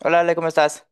Hola Ale, ¿cómo estás?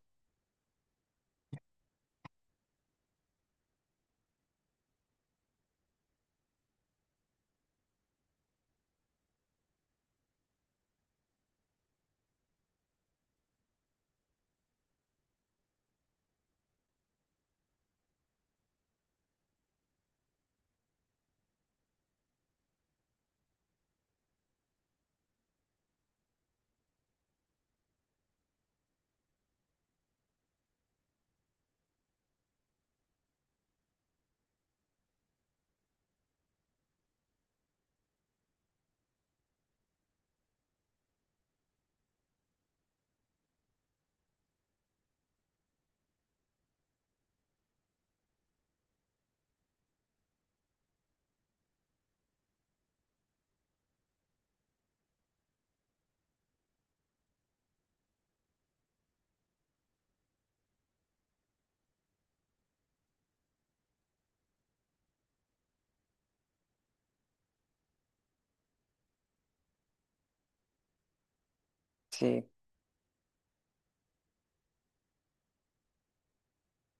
Sí,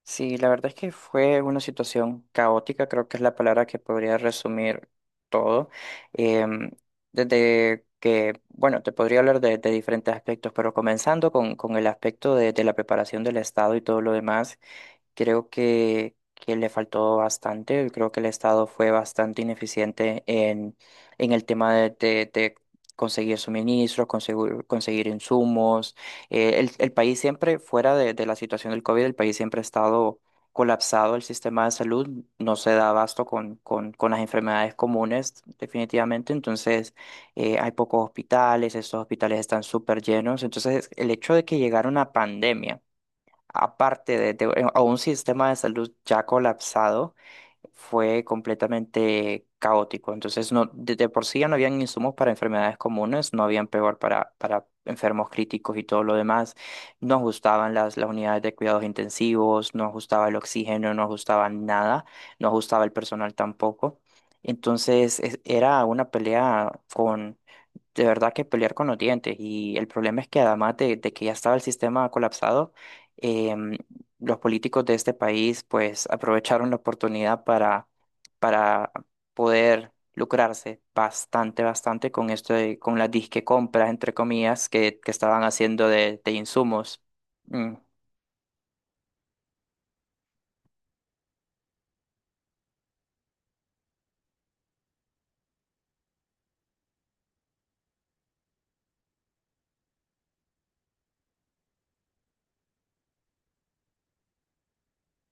sí, la verdad es que fue una situación caótica, creo que es la palabra que podría resumir todo. Em, Desde que, bueno, te podría hablar de diferentes aspectos, pero comenzando con el aspecto de la preparación del Estado y todo lo demás. Creo que le faltó bastante. Creo que el Estado fue bastante ineficiente en el tema de conseguir suministros, conseguir insumos. El país siempre, fuera de la situación del COVID, el país siempre ha estado colapsado. El sistema de salud no se da abasto con las enfermedades comunes, definitivamente. Entonces, hay pocos hospitales, estos hospitales están súper llenos. Entonces, el hecho de que llegara una pandemia aparte a un sistema de salud ya colapsado, fue completamente caótico. Entonces, no, de por sí ya no habían insumos para enfermedades comunes, no habían peor para enfermos críticos y todo lo demás. No ajustaban las unidades de cuidados intensivos, no ajustaba el oxígeno, no ajustaban nada, no ajustaba el personal tampoco. Entonces, era una pelea de verdad que pelear con los dientes. Y el problema es que además de que ya estaba el sistema colapsado, em, los políticos de este país pues aprovecharon la oportunidad para poder lucrarse bastante, bastante con esto con las disque compras, entre comillas, que estaban haciendo de insumos. Mm,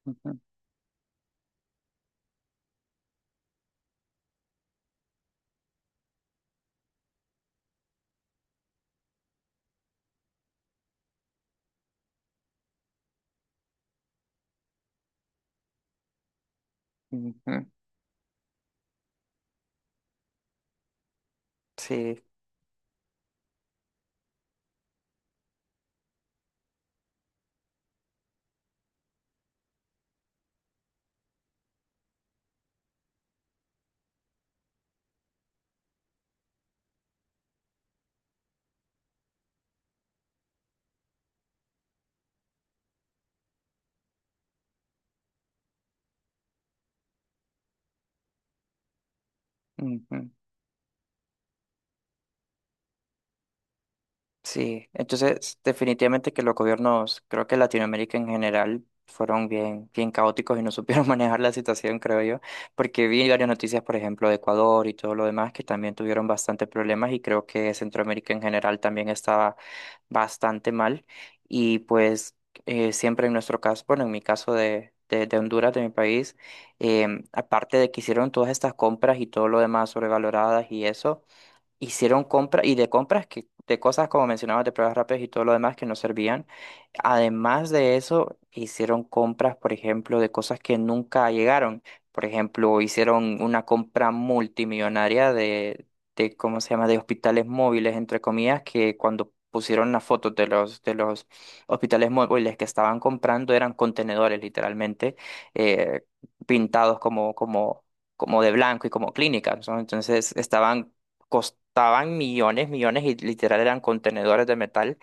ujú, ujú, sí. Ujú. Sí, entonces definitivamente que los gobiernos, creo que Latinoamérica en general, fueron bien, bien caóticos y no supieron manejar la situación, creo yo, porque vi varias noticias, por ejemplo, de Ecuador y todo lo demás, que también tuvieron bastantes problemas y creo que Centroamérica en general también estaba bastante mal. Y pues siempre en nuestro caso, bueno, en mi caso de Honduras, de mi país, aparte de que hicieron todas estas compras y todo lo demás sobrevaloradas y eso hicieron compras y de compras que de cosas como mencionabas de pruebas rápidas y todo lo demás que no servían. Además de eso, hicieron compras, por ejemplo, de cosas que nunca llegaron. Por ejemplo, hicieron una compra multimillonaria de ¿cómo se llama?, de hospitales móviles, entre comillas, que cuando pusieron las fotos de de los hospitales móviles que estaban comprando eran contenedores, literalmente, eh, pintados como de blanco y como clínicas, ¿no? Entonces estaban costaban millones, millones y literal eran contenedores de metal.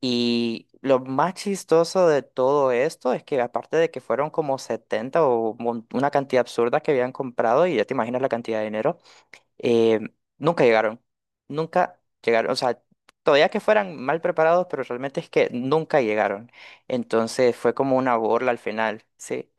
Y lo más chistoso de todo esto es que aparte de que fueron como 70 una cantidad absurda que habían comprado, y ya te imaginas la cantidad de dinero, eh, nunca llegaron, nunca llegaron, o sea, todavía que fueran mal preparados, pero realmente es que nunca llegaron. Entonces fue como una burla al final, sí,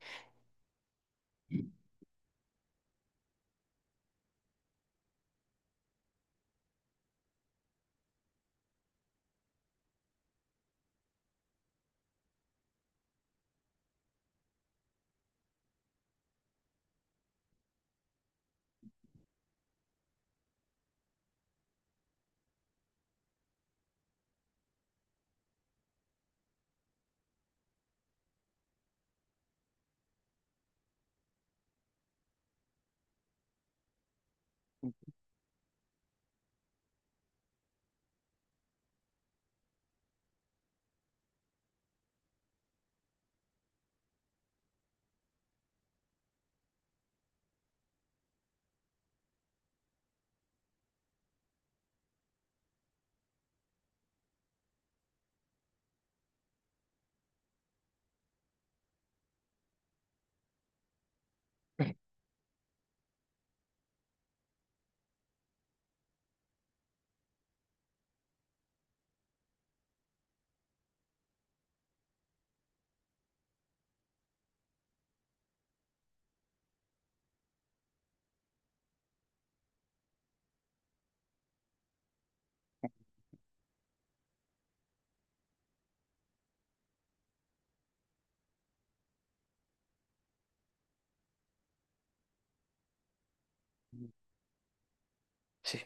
sí.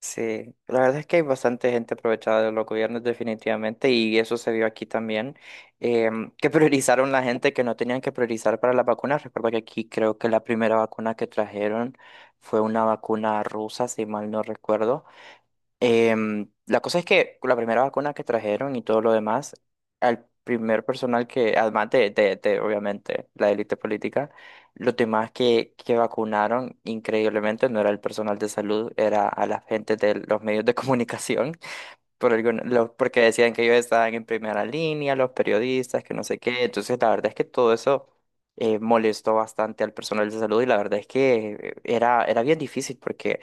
Sí, la verdad es que hay bastante gente aprovechada de los gobiernos definitivamente y eso se vio aquí también, que priorizaron la gente que no tenían que priorizar para las vacunas. Recuerda que aquí creo que la primera vacuna que trajeron fue una vacuna rusa, si mal no recuerdo. La cosa es que la primera vacuna que trajeron y todo lo demás, al primer personal que, además de, obviamente la élite política, los demás que vacunaron increíblemente no era el personal de salud, era a la gente de los medios de comunicación porque decían que ellos estaban en primera línea, los periodistas, que no sé qué. Entonces, la verdad es que todo eso molestó bastante al personal de salud y la verdad es que era bien difícil porque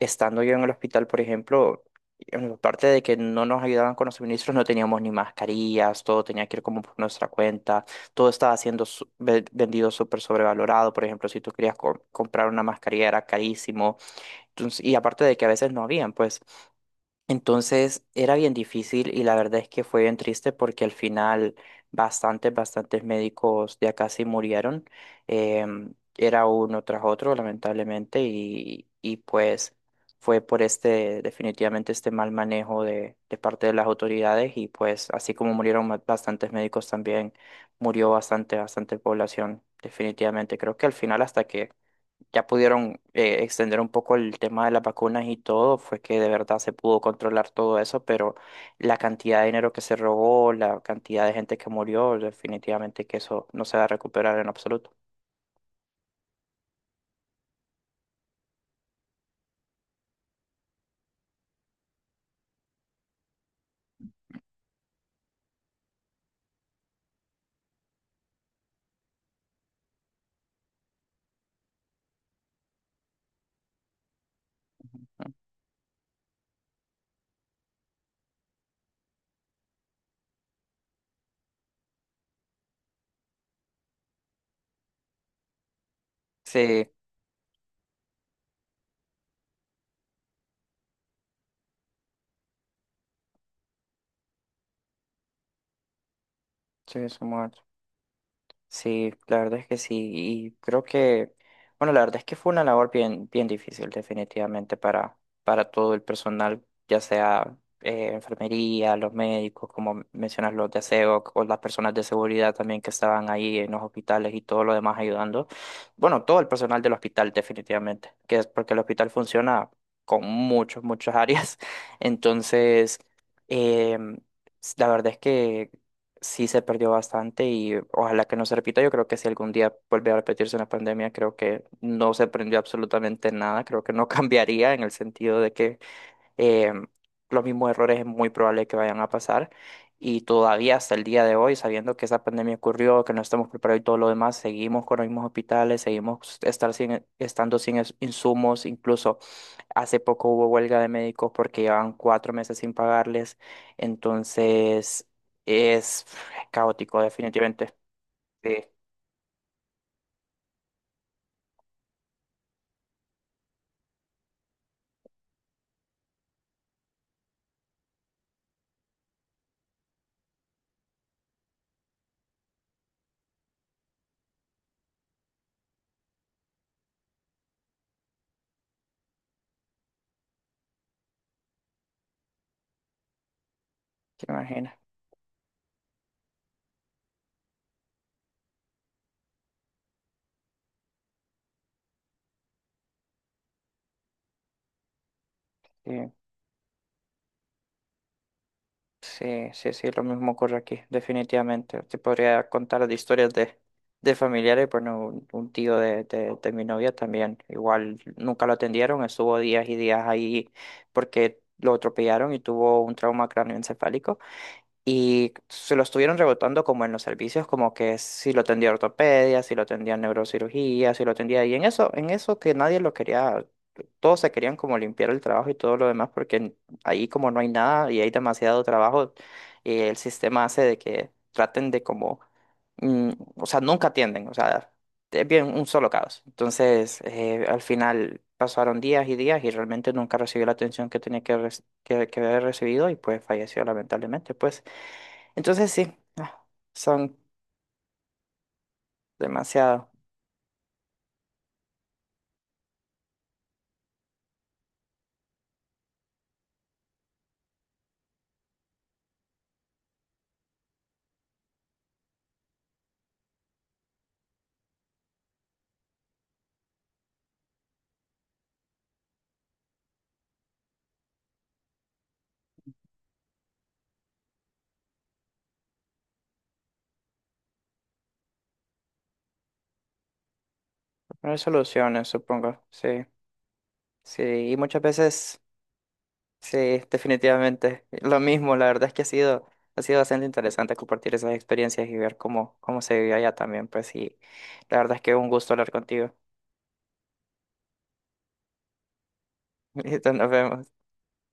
estando yo en el hospital, por ejemplo, en la parte de que no nos ayudaban con los suministros, no teníamos ni mascarillas, todo tenía que ir como por nuestra cuenta, todo estaba siendo vendido súper sobrevalorado. Por ejemplo, si tú querías comprar una mascarilla era carísimo. Entonces, y aparte de que a veces no habían, pues. Entonces era bien difícil y la verdad es que fue bien triste porque al final bastantes, bastantes médicos de acá sí murieron. Era uno tras otro, lamentablemente, y pues fue por este, definitivamente este mal manejo de parte de las autoridades y pues así como murieron bastantes médicos también murió bastante, bastante población. Definitivamente, creo que al final hasta que ya pudieron extender un poco el tema de las vacunas y todo, fue que de verdad se pudo controlar todo eso, pero la cantidad de dinero que se robó, la cantidad de gente que murió, definitivamente que eso no se va a recuperar en absoluto. Sí, sí, somos. Sí, la verdad es que sí. Y creo que, bueno, la verdad es que fue una labor bien, bien difícil, definitivamente, para todo el personal, ya sea enfermería, los médicos, como mencionas, los de aseo, o las personas de seguridad también que estaban ahí en los hospitales y todo lo demás ayudando. Bueno, todo el personal del hospital, definitivamente, que es porque el hospital funciona muchas áreas. Entonces, em, la verdad es que sí se perdió bastante y ojalá que no se repita. Yo creo que si algún día vuelve a repetirse una pandemia, creo que no se aprendió absolutamente nada. Creo que no cambiaría en el sentido de que eh, los mismos errores es muy probable que vayan a pasar. Y todavía hasta el día de hoy, sabiendo que esa pandemia ocurrió, que no estamos preparados y todo lo demás, seguimos con los mismos hospitales, seguimos estar sin, estando sin es- insumos. Incluso hace poco hubo huelga de médicos porque llevan 4 meses sin pagarles. Entonces es caótico, definitivamente. Sí, se imagina. Sí, sí, sí, lo mismo ocurre aquí, definitivamente. Te podría contar de historias de familiares, bueno, un tío de mi novia también, igual nunca lo atendieron, estuvo días y días ahí porque lo atropellaron y tuvo un trauma cráneoencefálico. Y se lo estuvieron rebotando como en los servicios, como que si lo tendía ortopedia, si lo tendía neurocirugía, si lo tendía. Y en eso que nadie lo quería, todos se querían como limpiar el trabajo y todo lo demás, porque ahí como no hay nada y hay demasiado trabajo, el sistema hace de que traten de o sea, nunca atienden, o sea, es bien un solo caos. Entonces, al final pasaron días y días y realmente nunca recibió la atención que tenía que haber recibido y pues falleció lamentablemente, pues. Entonces sí, ah, son demasiado. No hay soluciones, supongo. Sí, sí. Y muchas veces, sí, definitivamente. Lo mismo, la verdad es que ha ha sido bastante interesante compartir esas experiencias y ver cómo, cómo se vive allá también, pues sí. La verdad es que un gusto hablar contigo. Listo, nos vemos.